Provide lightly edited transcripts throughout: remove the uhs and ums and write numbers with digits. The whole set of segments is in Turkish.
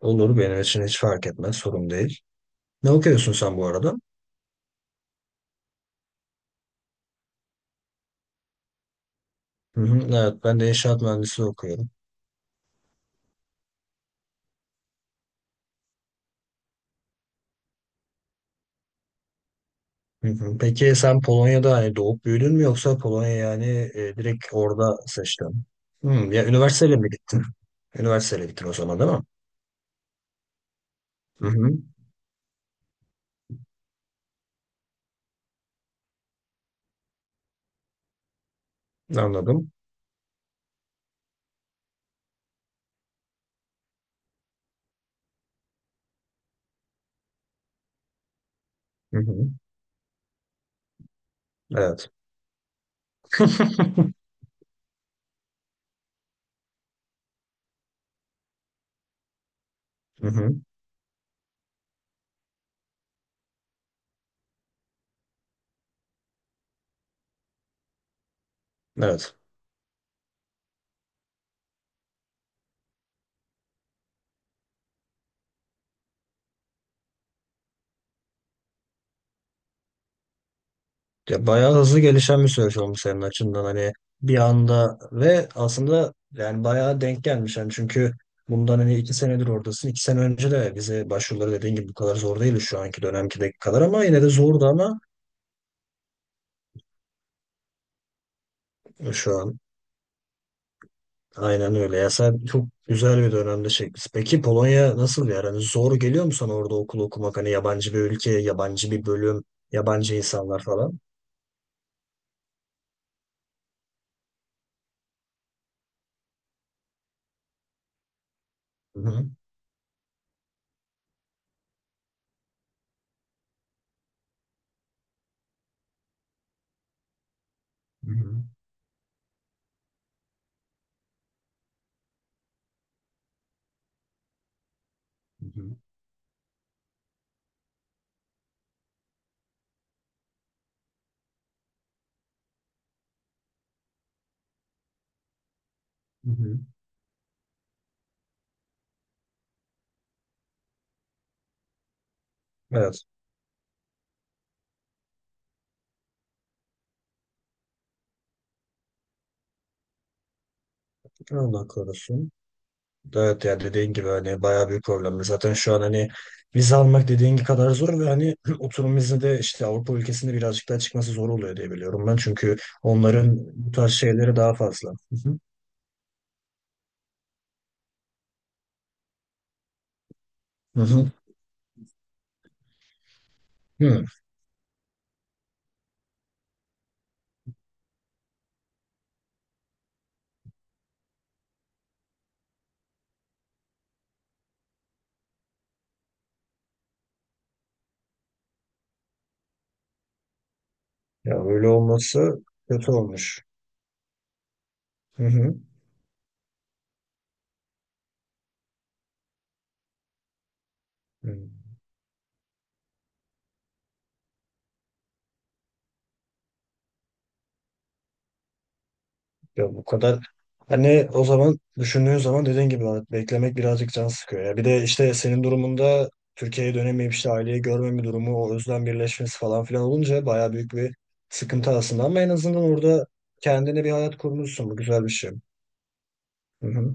Olur benim için hiç fark etmez. Sorun değil. Ne okuyorsun sen bu arada? Hı hı, evet ben de inşaat mühendisliği okuyorum. Hı hı. Peki sen Polonya'da hani doğup büyüdün mü yoksa Polonya yani direkt orada seçtin? Hı, ya üniversiteyle mi gittin? Üniversiteyle gittin o zaman değil mi? Hı hı. Anladım. Hı hı. Evet. Hı hı. Evet. Ya bayağı hızlı gelişen bir süreç olmuş senin açından hani bir anda ve aslında yani bayağı denk gelmiş yani çünkü bundan hani 2 senedir oradasın. 2 sene önce de vize başvuruları dediğin gibi bu kadar zor değildi şu anki dönemkideki kadar ama yine de zordu ama şu an aynen öyle. Ya sen çok güzel bir dönemde çekmişsin. Peki Polonya nasıl yani hani zor geliyor mu sana orada okul okumak hani yabancı bir ülke, yabancı bir bölüm, yabancı insanlar falan? Hı hı. Hı hı. Hı hı. Hı hı. Evet. Allah korusun. Evet yani dediğin gibi hani bayağı büyük problem. Zaten şu an hani vize almak dediğin gibi kadar zor ve hani oturum izni de işte Avrupa ülkesinde birazcık daha çıkması zor oluyor diye biliyorum ben. Çünkü onların bu tarz şeyleri daha fazla. Hı hı. Hı hı. Hı. Ya öyle olması kötü olmuş. Hı hı. Hı. Ya bu kadar hani o zaman düşündüğün zaman dediğin gibi Ahmet, beklemek birazcık can sıkıyor ya. Bir de işte senin durumunda Türkiye'ye dönemeyip işte aileyi görmeme durumu, o özlem birleşmesi falan filan olunca bayağı büyük bir sıkıntı aslında ama en azından orada kendine bir hayat kurmuşsun. Bu güzel bir şey. Hı hı.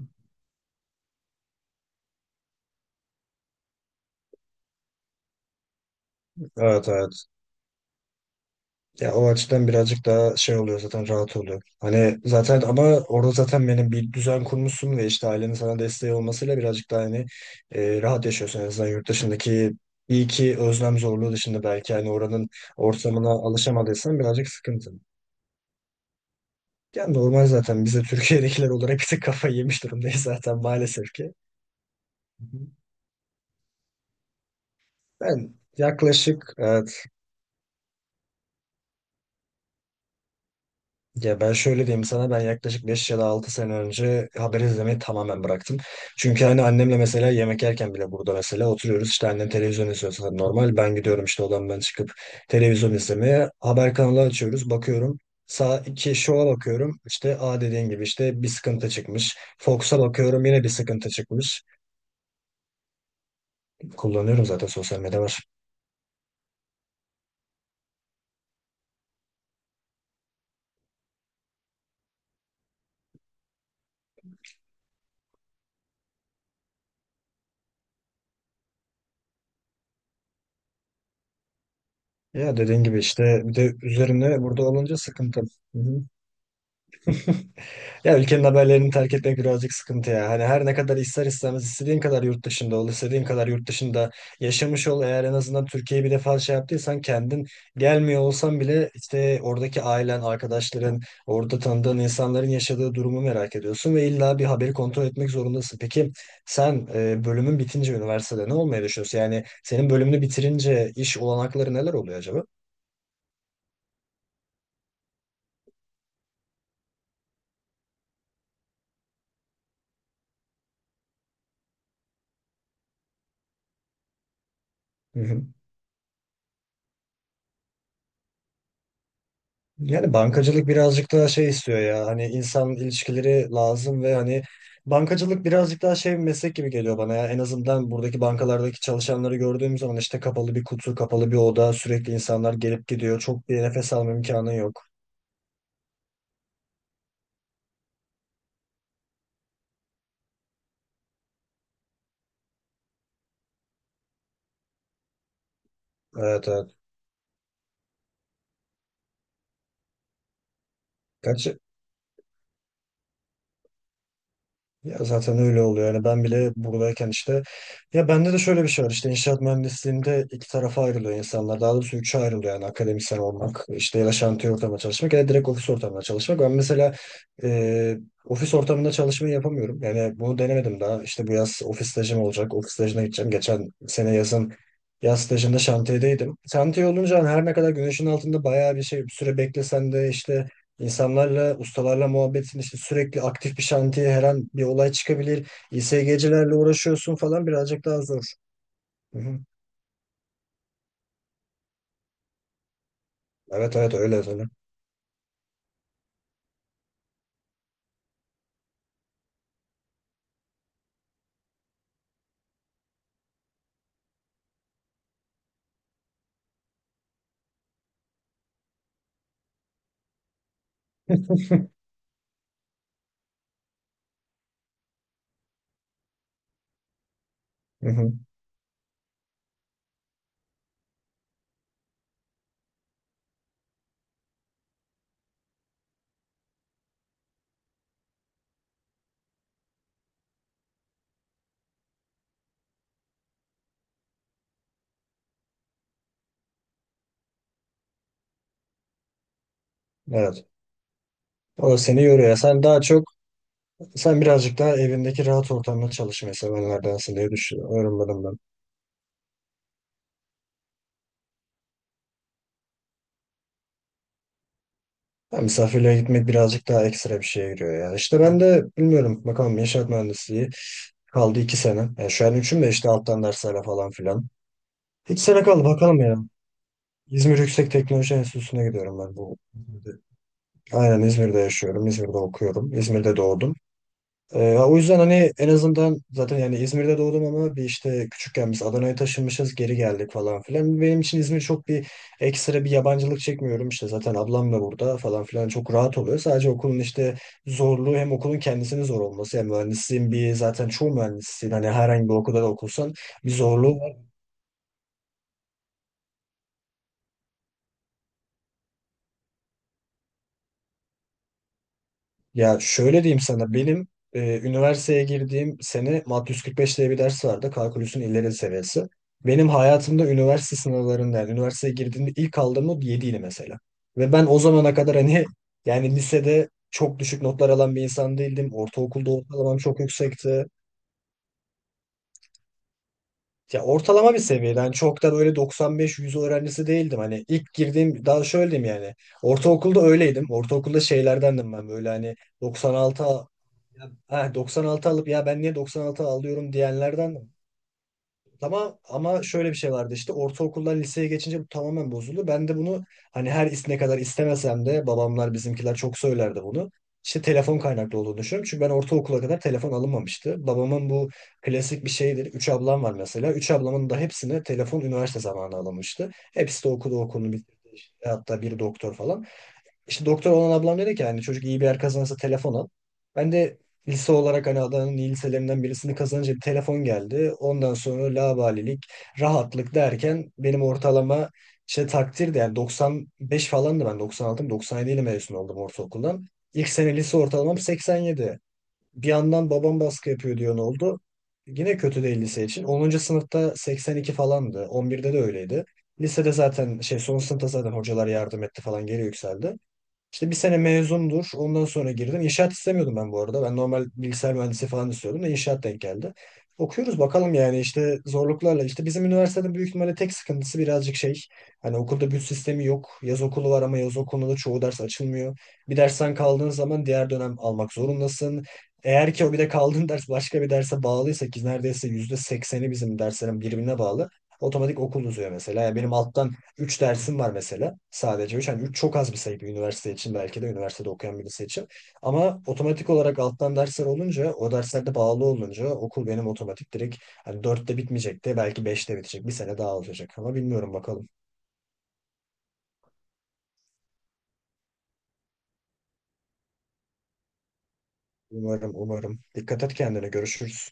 Evet evet. Ya o açıdan birazcık daha şey oluyor zaten rahat oluyor. Hani zaten ama orada zaten benim bir düzen kurmuşsun ve işte ailenin sana desteği olmasıyla birazcık daha hani rahat yaşıyorsun. En azından yurt dışındaki iyi ki özlem zorluğu dışında belki hani oranın ortamına alışamadıysan birazcık sıkıntı. Yani normal zaten biz de Türkiye'dekiler olarak bir tık kafayı yemiş durumdayız zaten maalesef ki. Ben yaklaşık e, Ya ben şöyle diyeyim sana, ben yaklaşık 5 ya da 6 sene önce haber izlemeyi tamamen bıraktım. Çünkü hani annemle mesela yemek yerken bile, burada mesela oturuyoruz işte, annem televizyon izliyor zaten normal, ben gidiyorum işte odamdan çıkıp televizyon izlemeye, haber kanalı açıyoruz bakıyorum. Sağ iki şova bakıyorum, işte a dediğin gibi işte bir sıkıntı çıkmış. Fox'a bakıyorum yine bir sıkıntı çıkmış. Kullanıyorum zaten, sosyal medya var. Ya dediğin gibi işte, bir de üzerine burada olunca sıkıntı. Hı hı. Ya ülkenin haberlerini terk etmek birazcık sıkıntı ya. Hani her ne kadar ister istemez, istediğin kadar yurt dışında ol, istediğin kadar yurt dışında yaşamış ol, eğer en azından Türkiye'yi bir defa şey yaptıysan kendin, gelmiyor olsan bile işte oradaki ailen, arkadaşların, orada tanıdığın insanların yaşadığı durumu merak ediyorsun ve illa bir haberi kontrol etmek zorundasın. Peki sen bölümün bitince üniversitede ne olmayı düşünüyorsun? Yani senin bölümünü bitirince iş olanakları neler oluyor acaba? Hı hı. Yani bankacılık birazcık daha şey istiyor ya, hani insan ilişkileri lazım ve hani bankacılık birazcık daha şey, bir meslek gibi geliyor bana ya, en azından buradaki bankalardaki çalışanları gördüğüm zaman, işte kapalı bir kutu, kapalı bir oda, sürekli insanlar gelip gidiyor, çok bir nefes alma imkanı yok. Evet evet. Kaç ya zaten öyle oluyor. Yani ben bile buradayken işte, ya bende de şöyle bir şey var. İşte inşaat mühendisliğinde iki tarafa ayrılıyor insanlar. Daha doğrusu üçe ayrılıyor, yani akademisyen olmak, işte ya da şantiye ortamında çalışmak ya da direkt ofis ortamında çalışmak. Ben mesela e, ofis ortamında çalışmayı yapamıyorum. Yani bunu denemedim daha. İşte bu yaz ofis stajım olacak. Ofis stajına gideceğim. Geçen sene yazın yaz stajında şantiyedeydim. Şantiye olunca hani her ne kadar güneşin altında bayağı bir şey bir süre beklesen de, işte İnsanlarla, ustalarla muhabbetin işte, sürekli aktif bir şantiye her an bir olay çıkabilir. İSGC'lerle uğraşıyorsun falan, birazcık daha zor. Hı hı. Evet evet öyle öyle. Hı hı. Evet. O da seni yoruyor. Sen birazcık daha evindeki rahat ortamda çalışmayı sevenlerdensin diye düşünüyorum ben, ondan. Ha, misafirliğe gitmek birazcık daha ekstra bir şeye giriyor ya. İşte ben de bilmiyorum. Bakalım, inşaat mühendisliği kaldı 2 sene. Yani şu an üçün de işte alttan derslerle falan filan. 2 sene kaldı bakalım ya. İzmir Yüksek Teknoloji Enstitüsü'ne gidiyorum ben bu. Aynen, İzmir'de yaşıyorum. İzmir'de okuyorum. İzmir'de doğdum. O yüzden hani en azından zaten yani, İzmir'de doğdum ama bir işte küçükken biz Adana'ya taşınmışız, geri geldik falan filan. Benim için İzmir çok bir ekstra bir yabancılık çekmiyorum işte, zaten ablam da burada falan filan, çok rahat oluyor. Sadece okulun işte zorluğu, hem okulun kendisinin zor olması hem mühendisliğin bir, zaten çoğu mühendisliğin hani herhangi bir okulda da okursan bir zorluğu var. Ya şöyle diyeyim sana, benim üniversiteye girdiğim sene MAT 145 diye bir ders vardı. Kalkülüsün ileri seviyesi. Benim hayatımda üniversite sınavlarında, yani üniversiteye girdiğimde ilk aldığım not 7'ydi mesela. Ve ben o zamana kadar hani yani lisede çok düşük notlar alan bir insan değildim. Ortaokulda ortalamam çok yüksekti. Ya ortalama bir seviyeden yani, çok da böyle 95-100 öğrencisi değildim. Hani ilk girdiğim, daha şöyle diyeyim yani. Ortaokulda öyleydim. Ortaokulda şeylerdendim ben böyle hani 96. Ha, 96 alıp ya ben niye 96 alıyorum diyenlerden, ama şöyle bir şey vardı işte, ortaokuldan liseye geçince bu tamamen bozuldu. Ben de bunu hani ne kadar istemesem de, babamlar bizimkiler çok söylerdi bunu. İşte telefon kaynaklı olduğunu düşünüyorum. Çünkü ben ortaokula kadar telefon alınmamıştı. Babamın bu klasik bir şeydir. Üç ablam var mesela. Üç ablamın da hepsine telefon üniversite zamanı alınmıştı. Hepsi de okudu, okulunu bitirdi. Hatta biri doktor falan. İşte doktor olan ablam dedi ki hani çocuk iyi bir yer kazanırsa telefon al. Ben de lise olarak hani Adana'nın iyi liselerinden birisini kazanınca bir telefon geldi. Ondan sonra laubalilik, rahatlık derken, benim ortalama işte takdir de yani 95 falandı, ben 96 mı 97 ile mezun oldum ortaokuldan. İlk sene lise ortalamam 87. Bir yandan babam baskı yapıyor diyor ne oldu? Yine kötü değil lise için. 10. sınıfta 82 falandı. 11'de de öyleydi. Lisede zaten şey, son sınıfta zaten hocalar yardım etti falan, geri yükseldi. İşte bir sene mezundur. Ondan sonra girdim. İnşaat istemiyordum ben bu arada. Ben normal bilgisayar mühendisi falan istiyordum da inşaat denk geldi. Okuyoruz bakalım yani işte zorluklarla. İşte bizim üniversitenin büyük ihtimalle tek sıkıntısı birazcık şey. Hani okulda büt sistemi yok. Yaz okulu var ama yaz okulunda da çoğu ders açılmıyor. Bir dersten kaldığın zaman diğer dönem almak zorundasın. Eğer ki o, bir de kaldığın ders başka bir derse bağlıysa ki neredeyse %80'i bizim derslerin birbirine bağlı, otomatik okul uzuyor mesela. Yani benim alttan üç dersim var mesela. Sadece 3, hani 3 çok az bir sayı bir üniversite için, belki de üniversitede okuyan birisi için. Ama otomatik olarak alttan dersler olunca, o derslerde bağlı olunca, okul benim otomatik direkt hani dörtte bitmeyecek de belki beşte bitecek. Bir sene daha alacak ama bilmiyorum bakalım. Umarım umarım. Dikkat et kendine, görüşürüz.